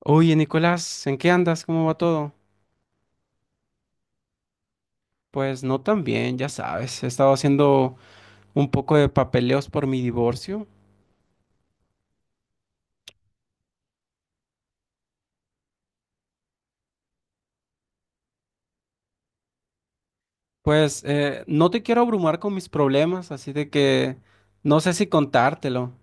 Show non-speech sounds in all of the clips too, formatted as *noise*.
Oye, Nicolás, ¿en qué andas? ¿Cómo va todo? Pues no tan bien, ya sabes. He estado haciendo un poco de papeleos por mi divorcio. Pues no te quiero abrumar con mis problemas, así de que no sé si contártelo.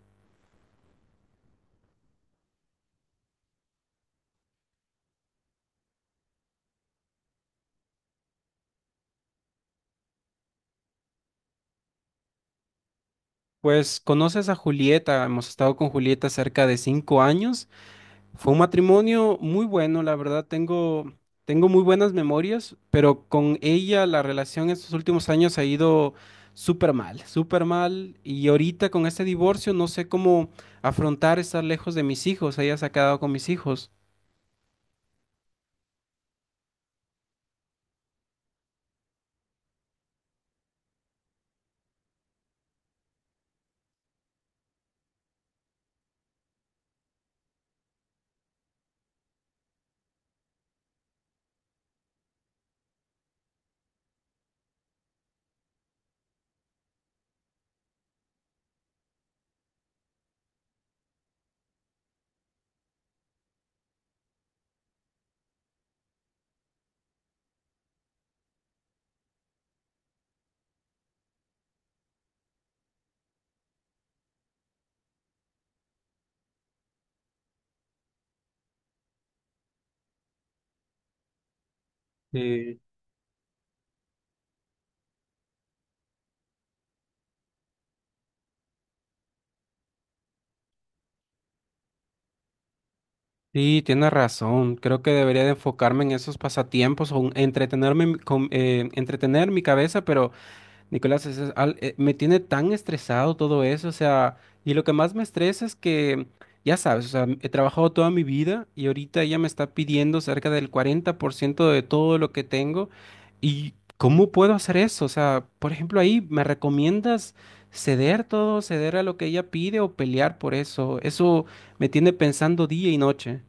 Pues conoces a Julieta, hemos estado con Julieta cerca de 5 años. Fue un matrimonio muy bueno, la verdad, tengo muy buenas memorias, pero con ella la relación en estos últimos años ha ido súper mal, y ahorita con este divorcio no sé cómo afrontar estar lejos de mis hijos, ella se ha quedado con mis hijos. Sí, sí, tienes razón, creo que debería de enfocarme en esos pasatiempos o en entretenerme, en entretener mi cabeza, pero... Nicolás, me tiene tan estresado todo eso, o sea, y lo que más me estresa es que, ya sabes, o sea, he trabajado toda mi vida y ahorita ella me está pidiendo cerca del 40% de todo lo que tengo. Y ¿cómo puedo hacer eso? O sea, por ejemplo, ahí, ¿me recomiendas ceder todo, ceder a lo que ella pide o pelear por eso? Eso me tiene pensando día y noche.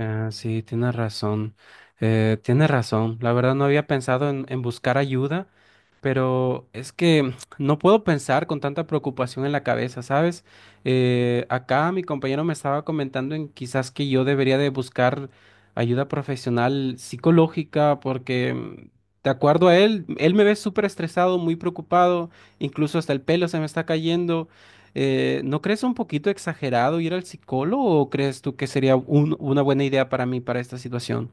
Ah, sí, tienes razón. Tienes razón. La verdad no había pensado en buscar ayuda, pero es que *sniffs* *tsk* no puedo pensar con tanta preocupación en la cabeza, ¿sabes? Acá mi compañero me estaba comentando en quizás que yo debería de buscar ayuda profesional psicológica porque, de acuerdo a él, él me ve súper estresado, muy preocupado, incluso hasta el pelo se me está cayendo. ¿No crees un poquito exagerado ir al psicólogo o crees tú que sería una buena idea para mí para esta situación?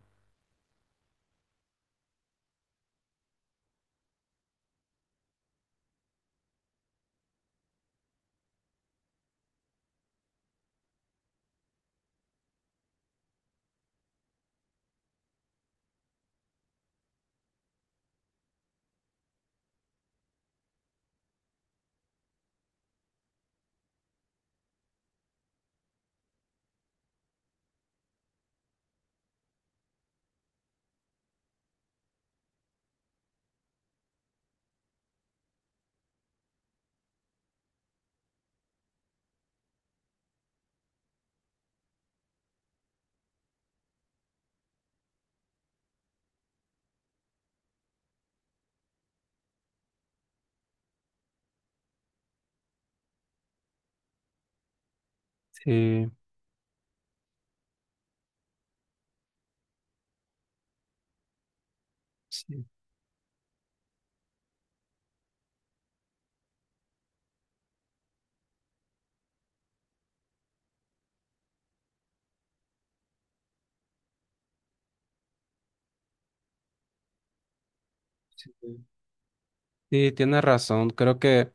Sí, sí. Sí, tienes razón. Creo que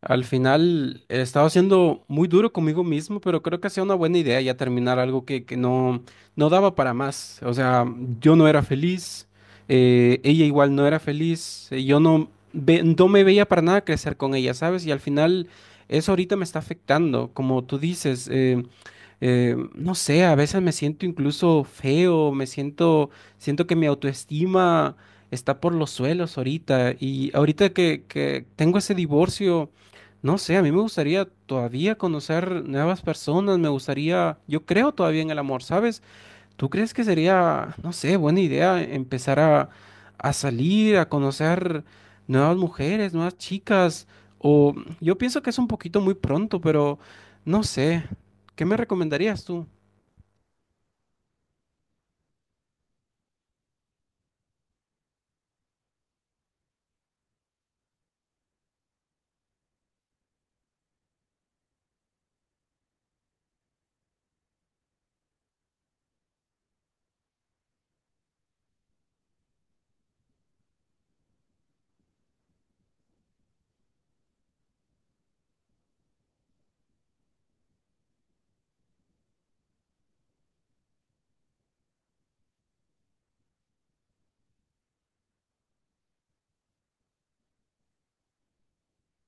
al final he estado siendo muy duro conmigo mismo, pero creo que hacía una buena idea ya terminar algo que no daba para más. O sea, yo no era feliz, ella igual no era feliz, yo no, ve- no me veía para nada crecer con ella, ¿sabes? Y al final eso ahorita me está afectando, como tú dices. No sé, a veces me siento incluso feo, siento que mi autoestima está por los suelos ahorita. Y ahorita que tengo ese divorcio, no sé, a mí me gustaría todavía conocer nuevas personas, me gustaría, yo creo todavía en el amor, ¿sabes? ¿Tú crees que sería, no sé, buena idea empezar a salir, a conocer nuevas mujeres, nuevas chicas? O yo pienso que es un poquito muy pronto, pero no sé. ¿Qué me recomendarías tú?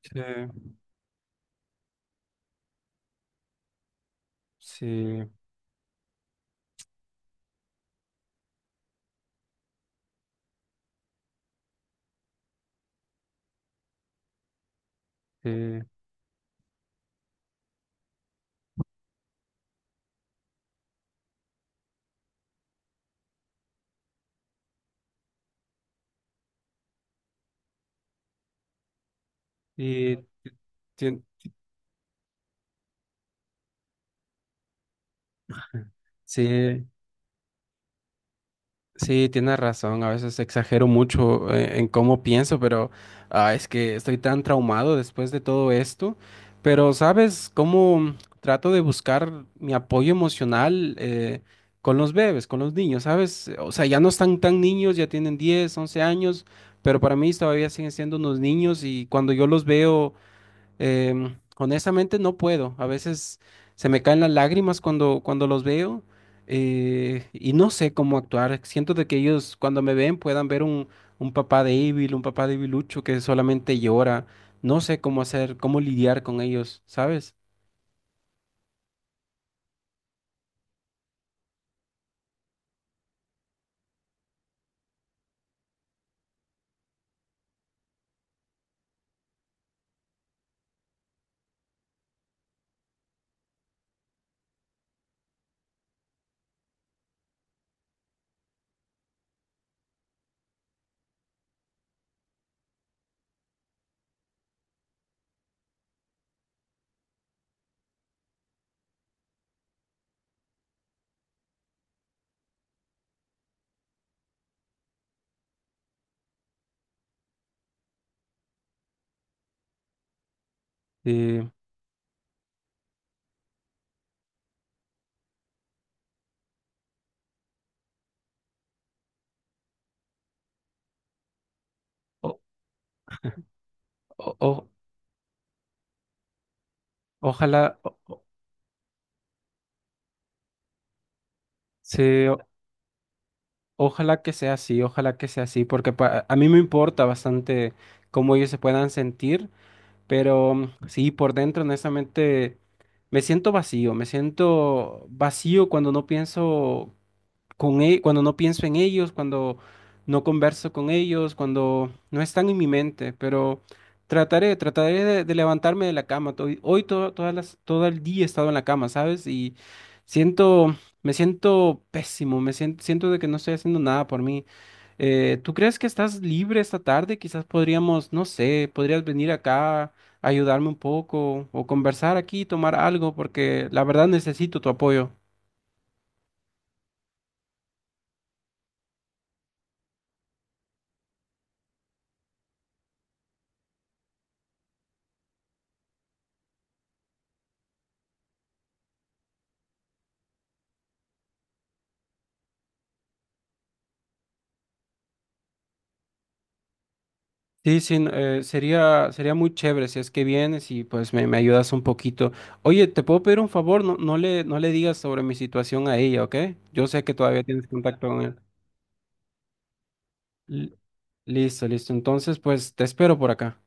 Sí, sí, sí. Y tien- sí. Sí, tienes razón, a veces exagero mucho en cómo pienso, pero ah, es que estoy tan traumado después de todo esto. Pero, ¿sabes cómo trato de buscar mi apoyo emocional con los bebés, con los niños? ¿Sabes? O sea, ya no están tan niños, ya tienen 10, 11 años, pero para mí todavía siguen siendo unos niños y cuando yo los veo... Honestamente no puedo. A veces se me caen las lágrimas cuando los veo y no sé cómo actuar. Siento de que ellos cuando me ven puedan ver un papá débil, un papá debilucho que solamente llora. No sé cómo hacer, cómo lidiar con ellos, ¿sabes? Eh, o- o- o- Ojalá, se- o- ojalá que sea así, ojalá que sea así, porque a mí me importa bastante cómo ellos se puedan sentir. Pero sí, por dentro, honestamente, me siento vacío cuando no pienso cuando no pienso en ellos, cuando no converso con ellos, cuando no están en mi mente, pero trataré de levantarme de la cama. To- Hoy, todo, todas las, Todo el día he estado en la cama, ¿sabes? Y siento, me siento pésimo, siento de que no estoy haciendo nada por mí. ¿Tú crees que estás libre esta tarde? Quizás podríamos, no sé, podrías venir acá, ayudarme un poco o conversar aquí, tomar algo, porque la verdad necesito tu apoyo. Sí, sí, no, sería muy chévere si es que vienes y pues me ayudas un poquito. Oye, ¿te puedo pedir un favor? No le digas sobre mi situación a ella, ¿ok? Yo sé que todavía tienes contacto con él. L- Listo, listo. Entonces, pues te espero por acá.